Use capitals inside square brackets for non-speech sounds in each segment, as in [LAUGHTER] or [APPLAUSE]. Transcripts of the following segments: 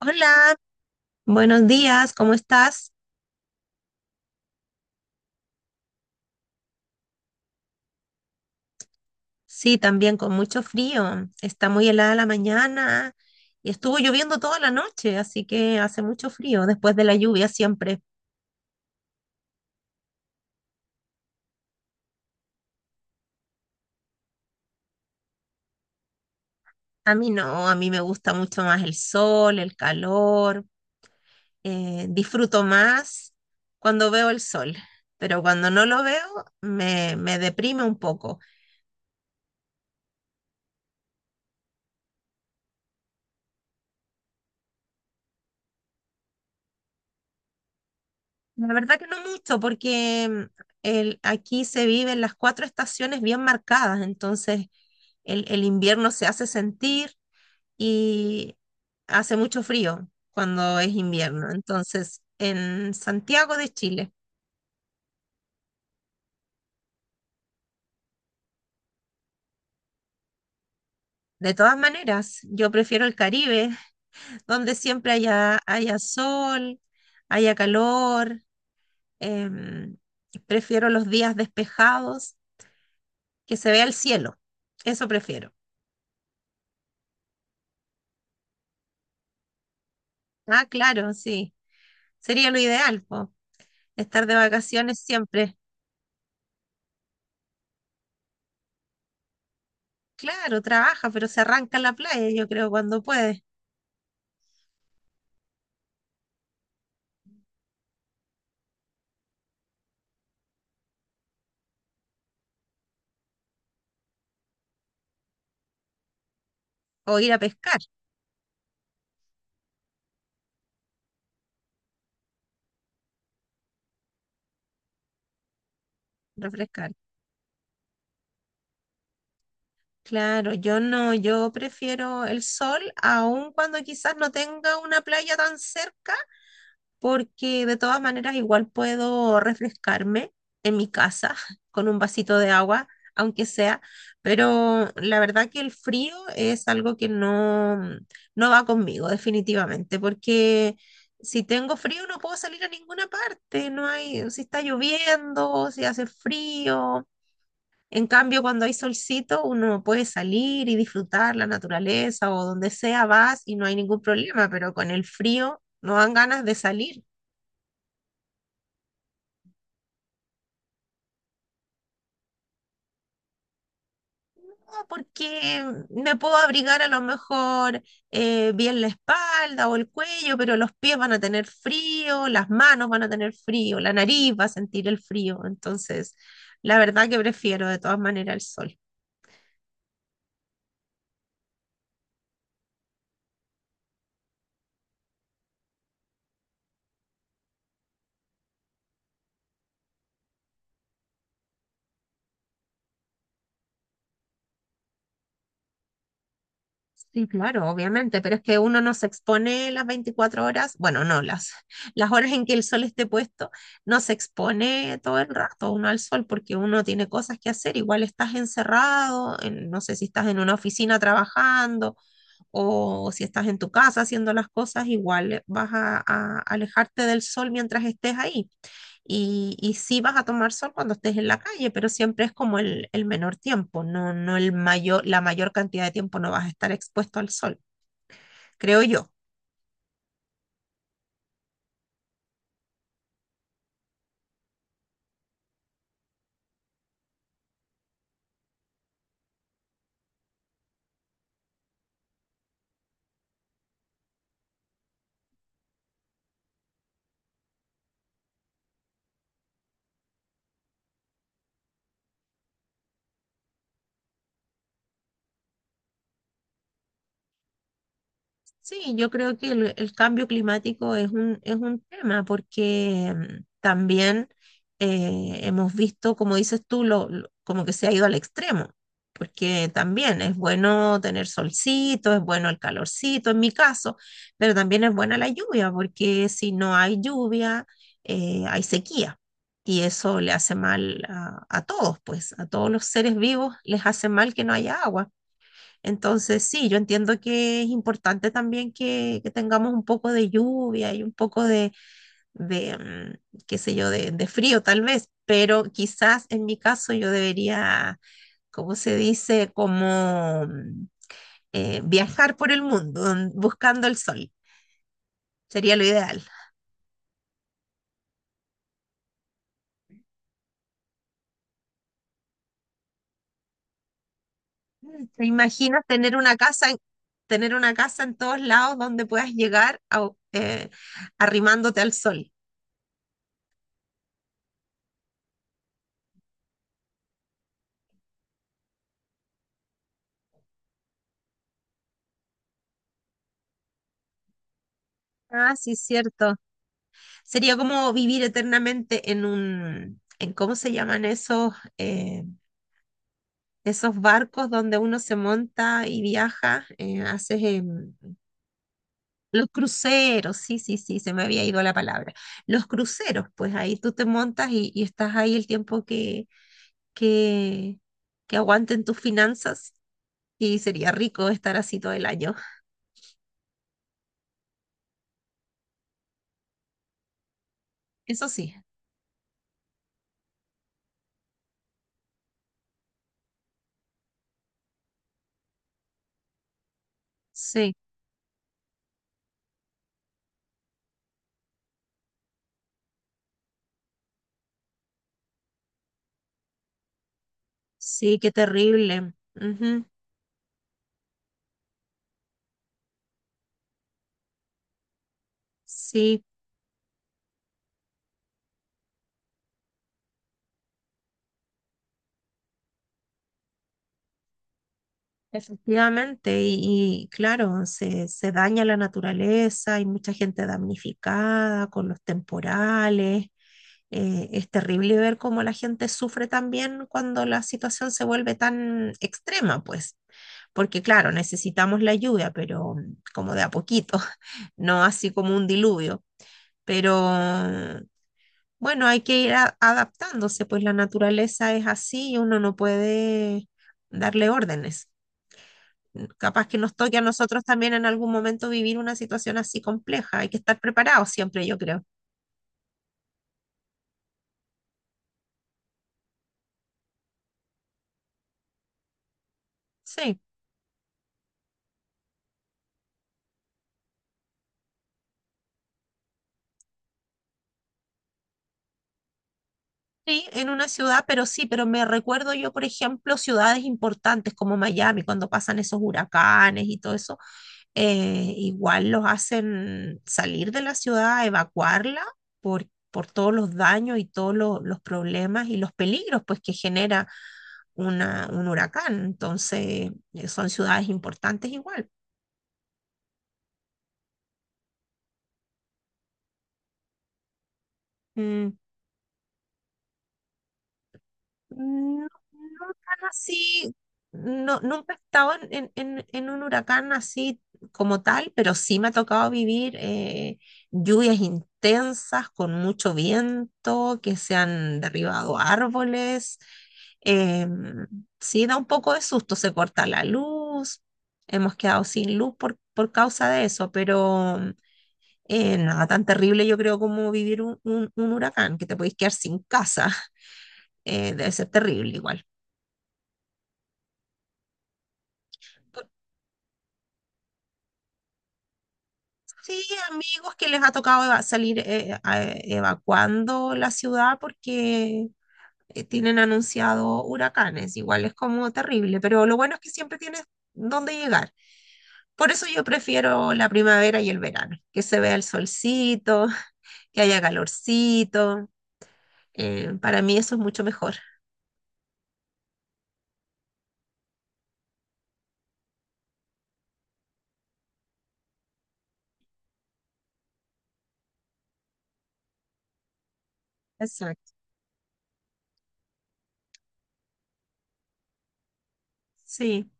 Hola, buenos días, ¿cómo estás? Sí, también con mucho frío. Está muy helada la mañana y estuvo lloviendo toda la noche, así que hace mucho frío después de la lluvia siempre. A mí no, a mí me gusta mucho más el sol, el calor. Disfruto más cuando veo el sol, pero cuando no lo veo me deprime un poco. La verdad que no mucho, porque aquí se viven las cuatro estaciones bien marcadas, entonces el invierno se hace sentir y hace mucho frío cuando es invierno. Entonces, en Santiago de Chile, de todas maneras, yo prefiero el Caribe, [LAUGHS] donde siempre haya sol, haya calor, em, prefiero los días despejados, que se vea el cielo, eso prefiero. Ah, claro, sí. Sería lo ideal, po, estar de vacaciones siempre. Claro, trabaja, pero se arranca en la playa, yo creo, cuando puede. O ir a pescar, refrescar. Claro, yo no, yo prefiero el sol, aun cuando quizás no tenga una playa tan cerca, porque de todas maneras igual puedo refrescarme en mi casa [LAUGHS] con un vasito de agua, aunque sea, pero la verdad que el frío es algo que no va conmigo definitivamente, porque si tengo frío no puedo salir a ninguna parte, no hay, si está lloviendo, si hace frío. En cambio, cuando hay solcito, uno puede salir y disfrutar la naturaleza o donde sea vas y no hay ningún problema, pero con el frío no dan ganas de salir. No, porque me puedo abrigar a lo mejor bien la espalda o el cuello, pero los pies van a tener frío, las manos van a tener frío, la nariz va a sentir el frío. Entonces, la verdad que prefiero de todas maneras el sol. Sí, claro, obviamente, pero es que uno no se expone las 24 horas, bueno, no, las, [LAUGHS] las horas en que el sol esté puesto, no se expone todo el rato uno al sol porque uno tiene cosas que hacer, igual estás encerrado, no sé si estás en una oficina trabajando o si estás en tu casa haciendo las cosas, igual vas a alejarte del sol mientras estés ahí. Y sí vas a tomar sol cuando estés en la calle, pero siempre es como el menor tiempo, no, no el mayor, la mayor cantidad de tiempo no vas a estar expuesto al sol, creo yo. Sí, yo creo que el cambio climático es un tema porque también hemos visto, como dices tú, como que se ha ido al extremo, porque también es bueno tener solcito, es bueno el calorcito en mi caso, pero también es buena la lluvia, porque si no hay lluvia, hay sequía y eso le hace mal a todos, pues a todos los seres vivos les hace mal que no haya agua. Entonces, sí, yo entiendo que es importante también que tengamos un poco de lluvia y un poco de, qué sé yo, de frío tal vez, pero quizás en mi caso yo debería, ¿cómo se dice? Como viajar por el mundo buscando el sol. Sería lo ideal. Mm, ¿te imaginas tener una tener una casa en todos lados donde puedas llegar a arrimándote al sol? Ah, sí, cierto. Sería como vivir eternamente en un, en cómo se llaman esos, esos barcos donde uno se monta y viaja, eh, haces. Los cruceros, sí, sí, sí, se me había ido la palabra. Los cruceros, pues ahí tú te montas y estás ahí el tiempo que, que aguanten tus finanzas y sería rico estar así todo el año. Eso sí, sí, sí, qué terrible. Ujú. Sí. Efectivamente, y claro, se daña la naturaleza, hay mucha gente damnificada con los temporales. Es terrible ver cómo la gente sufre también cuando la situación se vuelve tan extrema, pues, porque claro, necesitamos la lluvia, pero como de a poquito, [LAUGHS] no así como un diluvio, pero bueno, hay que ir adaptándose, pues la naturaleza es así y uno no puede darle órdenes. Capaz que nos toque a nosotros también en algún momento vivir una situación así compleja. Hay que estar preparados siempre, yo creo. Sí, sí, en una ciudad, pero sí, pero me recuerdo yo, por ejemplo, ciudades importantes como Miami, cuando pasan esos huracanes y todo eso, igual los hacen salir de la ciudad, evacuarla por todos los daños y todos los problemas y los peligros pues, que genera un huracán. Entonces, son ciudades importantes igual. Mm. No, no tan así, no, nunca he estado en un huracán así como tal, pero sí me ha tocado vivir lluvias intensas con mucho viento, que se han derribado árboles. em, sí, da un poco de susto, se corta la luz, hemos quedado sin luz por causa de eso, pero nada tan terrible yo creo como vivir un huracán, que te podéis quedar sin casa, [LAUGHS] debe ser terrible igual. Sí, amigos que les ha tocado salir evacuando la ciudad porque tienen anunciado huracanes. Igual es como terrible, pero lo bueno es que siempre tienes dónde llegar. Por eso yo prefiero la primavera y el verano, que se vea el solcito, [LAUGHS] que haya calorcito. Para mí eso es mucho mejor. Exacto. Sí.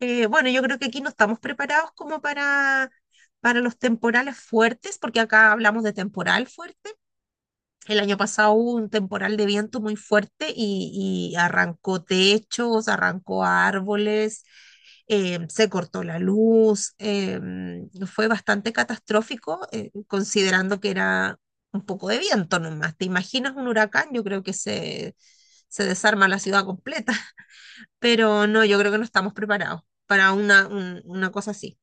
Bueno, yo creo que aquí no estamos preparados como para los temporales fuertes, porque acá hablamos de temporal fuerte. El año pasado hubo un temporal de viento muy fuerte y arrancó techos, arrancó árboles, se cortó la luz. Fue bastante catastrófico, considerando que era un poco de viento nomás. ¿Te imaginas un huracán? Yo creo que se desarma la ciudad completa. [LAUGHS] Pero no, yo creo que no estamos preparados para una cosa así.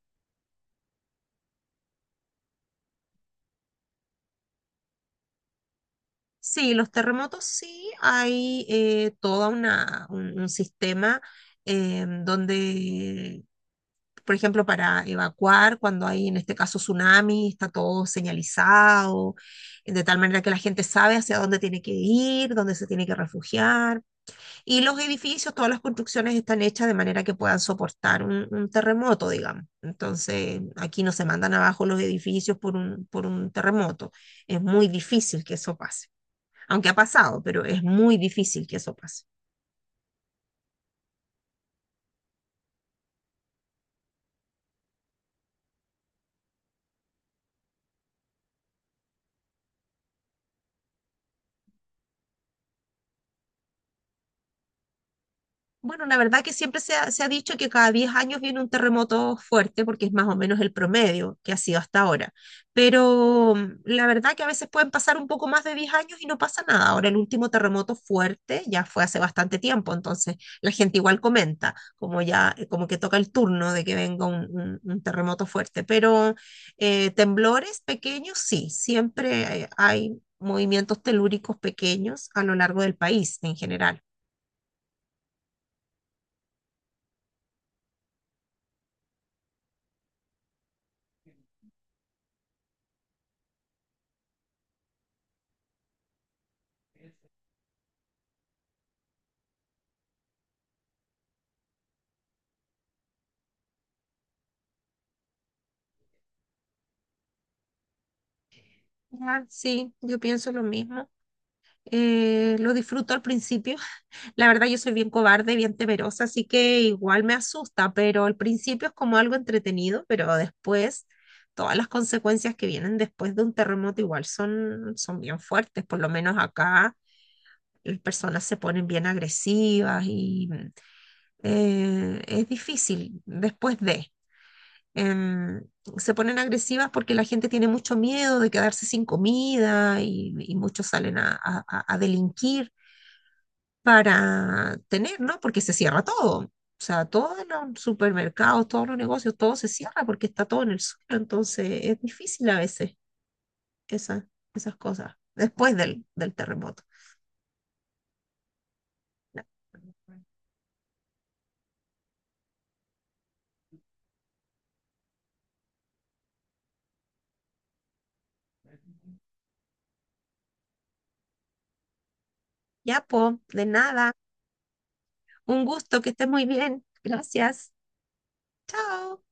Sí, los terremotos sí, hay toda un sistema donde, por ejemplo, para evacuar, cuando hay en este caso tsunami, está todo señalizado, de tal manera que la gente sabe hacia dónde tiene que ir, dónde se tiene que refugiar. Y los edificios, todas las construcciones están hechas de manera que puedan soportar un terremoto, digamos. Entonces, aquí no se mandan abajo los edificios por un terremoto. Es muy difícil que eso pase aunque ha pasado, pero es muy difícil que eso pase. Bueno, la verdad que siempre se ha dicho que cada 10 años viene un terremoto fuerte porque es más o menos el promedio que ha sido hasta ahora. Pero la verdad que a veces pueden pasar un poco más de 10 años y no pasa nada. Ahora el último terremoto fuerte ya fue hace bastante tiempo, entonces la gente igual comenta, como ya, como que toca el turno de que venga un terremoto fuerte. Pero temblores pequeños, sí, siempre hay movimientos telúricos pequeños a lo largo del país en general. Ah, sí, yo pienso lo mismo. Lo disfruto al principio. [LAUGHS] La verdad, yo soy bien cobarde, bien temerosa, así que igual me asusta, pero al principio es como algo entretenido, pero después todas las consecuencias que vienen después de un terremoto igual son, son bien fuertes. Por lo menos acá las personas se ponen bien agresivas y es difícil después de em, se ponen agresivas porque la gente tiene mucho miedo de quedarse sin comida y muchos salen a delinquir para tener, ¿no? Porque se cierra todo. O sea, todos los supermercados, todos los negocios, todo se cierra porque está todo en el suelo. Entonces es difícil a veces esa- esas cosas después del, del terremoto. No. Ya, po, de nada. Un gusto, que estés muy bien. Gracias. Chao.